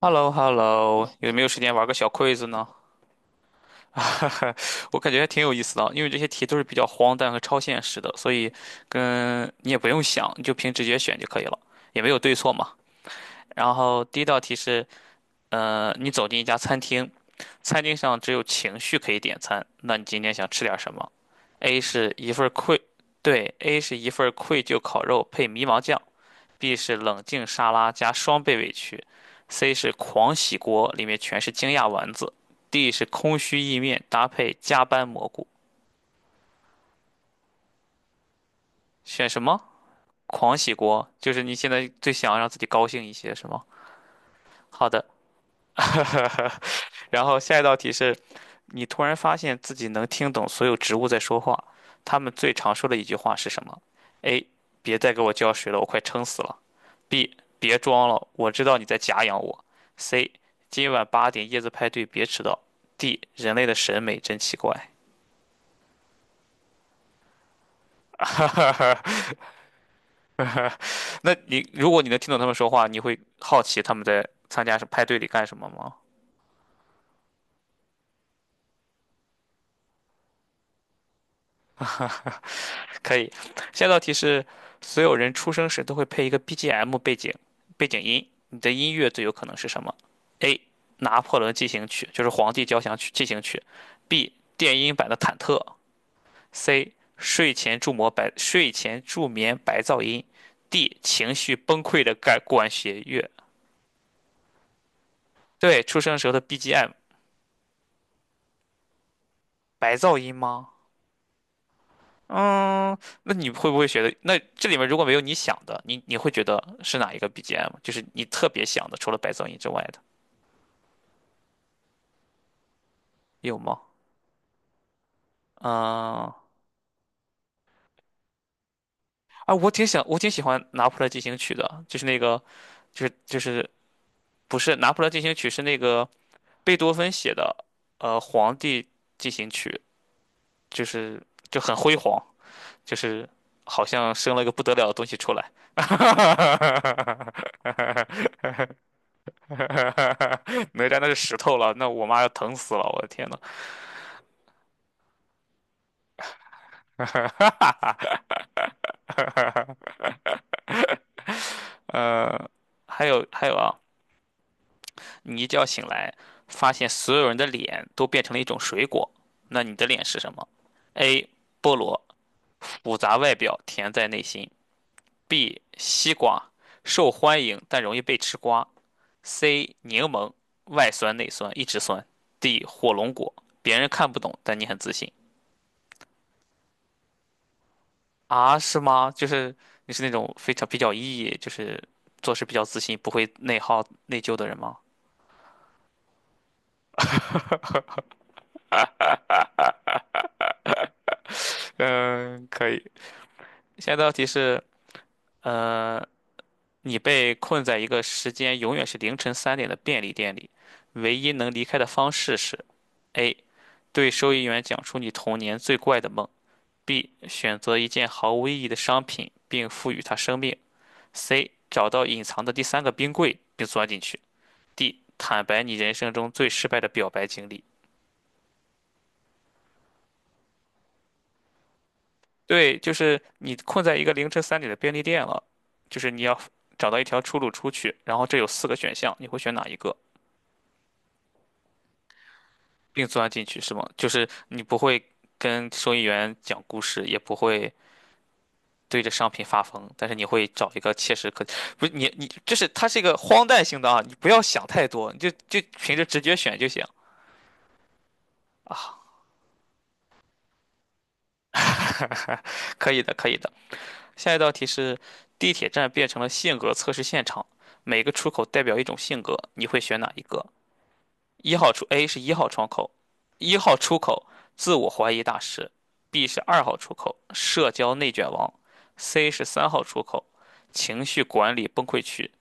h e l l o h e l l o 有没有时间玩个小 quiz 呢？我感觉还挺有意思的啊，因为这些题都是比较荒诞和超现实的，所以跟你也不用想，你就凭直觉选就可以了，也没有对错嘛。然后第一道题是，你走进一家餐厅，餐厅上只有情绪可以点餐，那你今天想吃点什么？A 是一份愧，对，A 是一份愧疚烤肉配迷茫酱 B 是冷静沙拉加双倍委屈，C 是狂喜锅，里面全是惊讶丸子，D 是空虚意面搭配加班蘑菇。选什么？狂喜锅，就是你现在最想让自己高兴一些，是吗？好的，然后下一道题是，你突然发现自己能听懂所有植物在说话，它们最常说的一句话是什么？A，别再给我浇水了，我快撑死了。B 别装了，我知道你在假养我。C 今晚八点叶子派对别迟到。D 人类的审美真奇怪。那你如果你能听懂他们说话，你会好奇他们在参加派对里干什么吗？可以。下一道题是：所有人出生时都会配一个 BGM 背景音，你的音乐最有可能是什么？A. 拿破仑进行曲，就是《皇帝交响曲》进行曲；B. 电音版的忐忑 C. 睡前助眠白噪音，D. 情绪崩溃的感管弦乐。对，出生时候的 BGM 白噪音吗？嗯，那你会不会觉得，那这里面如果没有你想的，你会觉得是哪一个 BGM？就是你特别想的，除了白噪音之外的，有吗？嗯，啊，我挺想，我挺喜欢《拿破仑进行曲》的，就是那个，就是不是《拿破仑进行曲》，是那个贝多芬写的，《皇帝进行曲》。就是就很辉煌，就是好像生了个不得了的东西出来。哪吒那是石头了，那我妈要疼死了，我的天呐。呃，还有啊，你一觉醒来，发现所有人的脸都变成了一种水果，那你的脸是什么？A. 菠萝，复杂外表，甜在内心；B. 西瓜，受欢迎但容易被吃瓜 C 柠檬，外酸内酸，一直酸。D 火龙果，别人看不懂，但你很自信啊？是吗？就是你是那种非常比较 E，就是做事比较自信，不会内耗内疚的人吗？嗯，可以。下一道题是，呃，你被困在一个时间永远是凌晨三点的便利店里，唯一能离开的方式是：A. 对收银员讲出你童年最怪的梦；B. 选择一件毫无意义的商品并赋予它生命 C. 找到隐藏的第三个冰柜并钻进去。D. 坦白你人生中最失败的表白经历。对，就是你困在一个凌晨三点的便利店了，就是你要找到一条出路出去。然后这有四个选项，你会选哪一个？并钻进去是吗？就是你不会跟收银员讲故事，也不会对着商品发疯，但是你会找一个切实可，不是你，就是它是一个荒诞性的啊，你不要想太多，你就就凭着直觉选就行啊。可以的，可以的。下一道题是：地铁站变成了性格测试现场，每个出口代表一种性格，你会选哪一个？一号出 A 是一号窗口，一号出口自我怀疑大师；B 是二号出口，社交内卷王；C 是三号出口，情绪管理崩溃区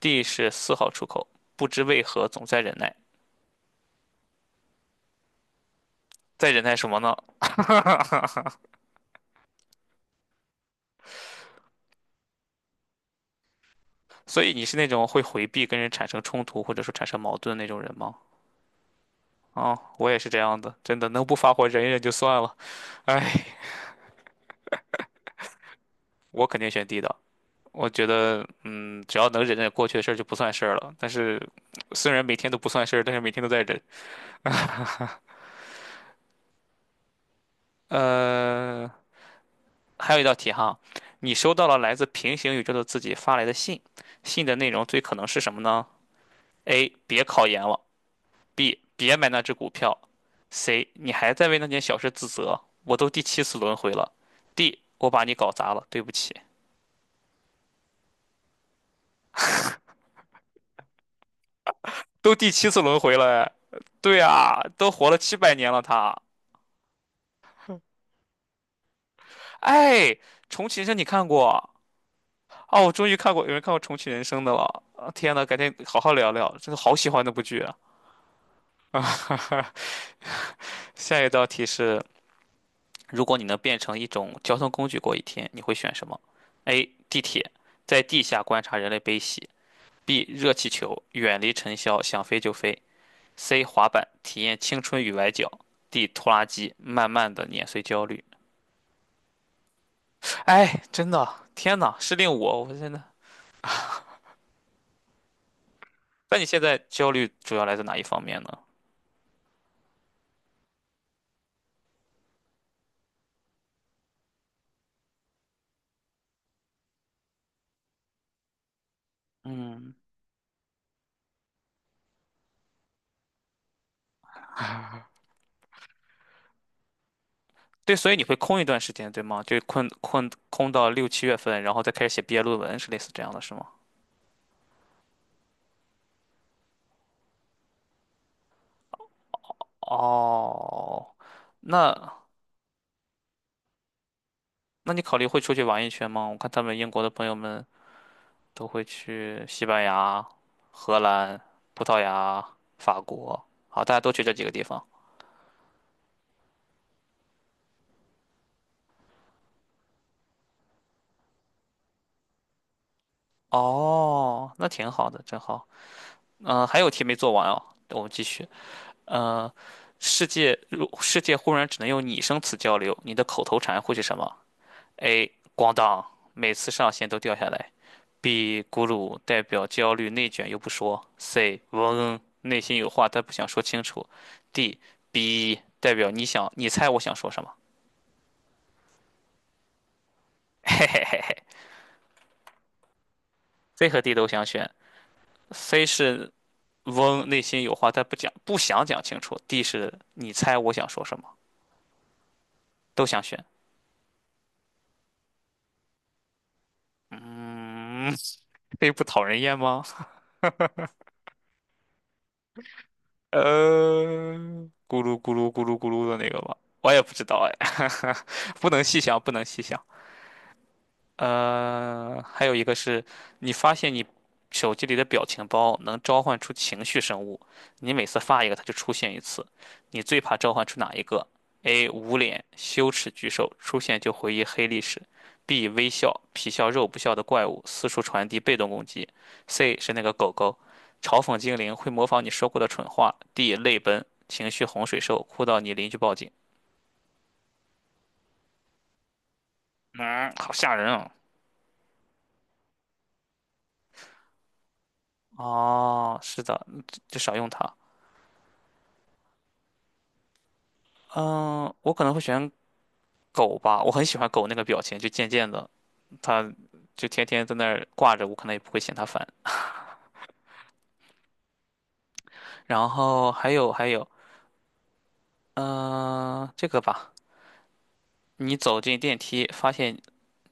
；D 是四号出口，不知为何总在忍耐。在忍耐什么呢？所以你是那种会回避跟人产生冲突或者说产生矛盾的那种人吗？哦，我也是这样的，真的能不发火忍一忍就算了。哎，我肯定选 D 的。我觉得，嗯，只要能忍忍过去的事儿就不算事儿了。但是，虽然每天都不算事儿，但是每天都在忍。呃，还有一道题哈，你收到了来自平行宇宙的自己发来的信，信的内容最可能是什么呢？A. 别考研了；B. 别买那只股票；C. 你还在为那件小事自责，我都第七次轮回了；D. 我把你搞砸了，对不起。都第七次轮回了哎。对啊，都活了七百年了他。哎，重启人生你看过？哦，我终于看过，有人看过重启人生的了。啊天呐，改天好好聊聊，真的好喜欢那部剧啊！下一道题是：如果你能变成一种交通工具过一天，你会选什么？A. 地铁，在地下观察人类悲喜；B. 热气球，远离尘嚣，想飞就飞；C. 滑板，体验青春与崴脚；D. 拖拉机，慢慢的碾碎焦虑。哎，真的，天呐，是令我，我真的。那你现在焦虑主要来自哪一方面呢？嗯，对，所以你会空一段时间，对吗？就困空到六七月份，然后再开始写毕业论文，是类似这样的，是吗？哦，那那你考虑会出去玩一圈吗？我看他们英国的朋友们都会去西班牙、荷兰、葡萄牙、法国，好，大家都去这几个地方。哦，那挺好的，真好。嗯、还有题没做完哦，我们继续。呃，世界忽然只能用拟声词交流，你的口头禅会是什么？A. 咣当，每次上线都掉下来。B. 咕噜，代表焦虑内卷又不说。C. 嗡，内心有话但不想说清楚。D. B 代表你想，你猜我想说什么？嘿嘿嘿嘿，C 和 D 都想选。C 是嗡，内心有话但不讲，不想讲清楚。D 是你猜我想说什么，都想选。嗯，这不讨人厌吗？呃，咕噜咕噜咕噜咕噜的那个吧，我也不知道哎，不能细想，不能细想。还有一个是，你发现你手机里的表情包能召唤出情绪生物，你每次发一个，它就出现一次。你最怕召唤出哪一个？A. 捂脸，羞耻巨兽，出现就回忆黑历史；B. 微笑，皮笑肉不笑的怪物，四处传递被动攻击；C. 是那个狗狗，嘲讽精灵会模仿你说过的蠢话；D. 泪奔，情绪洪水兽，哭到你邻居报警。嗯，好吓人啊！哦，是的，嗯就少用它。嗯，我可能会选狗吧，我很喜欢狗那个表情，就贱贱的，它就天天在那儿挂着，我可能也不会嫌它烦。然后还有，嗯、这个吧，你走进电梯，发现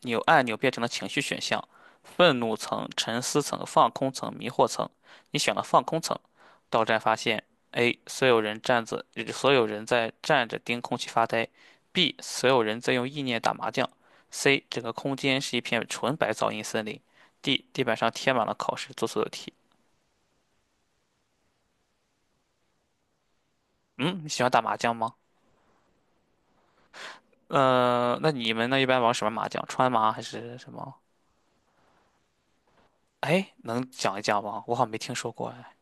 扭按钮变成了情绪选项，愤怒层、沉思层、放空层、迷惑层。你选了放空层，到站发现：A. 所有人站着，所有人在站着盯空气发呆；B. 所有人在用意念打麻将；C. 整个空间是一片纯白噪音森林；D. 地板上贴满了考试做错的题。嗯，你喜欢打麻将吗？那你们那一般玩什么麻将？川麻还是什么？哎，能讲一讲吗？我好像没听说过哎，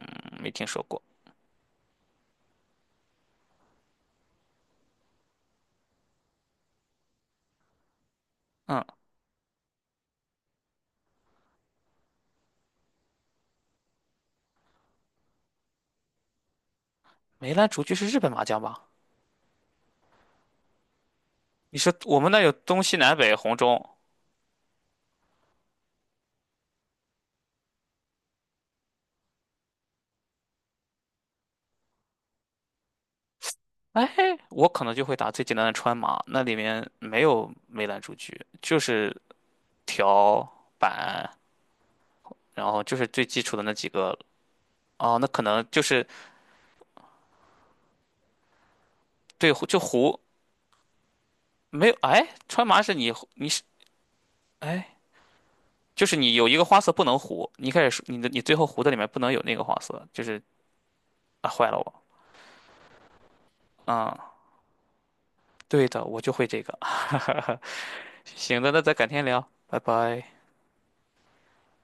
嗯没听说过。嗯。梅兰竹菊是日本麻将吧？你说我们那有东西南北红中，哎，我可能就会打最简单的川麻，那里面没有梅兰竹菊，就是条板，然后就是最基础的那几个。哦，那可能就是对就胡没有，哎，川麻是你是哎，就是你有一个花色不能胡，你一开始说你的你最后胡的里面不能有那个花色，就是啊坏了我，嗯，对的，我就会这个，行的，那咱改天聊，拜拜。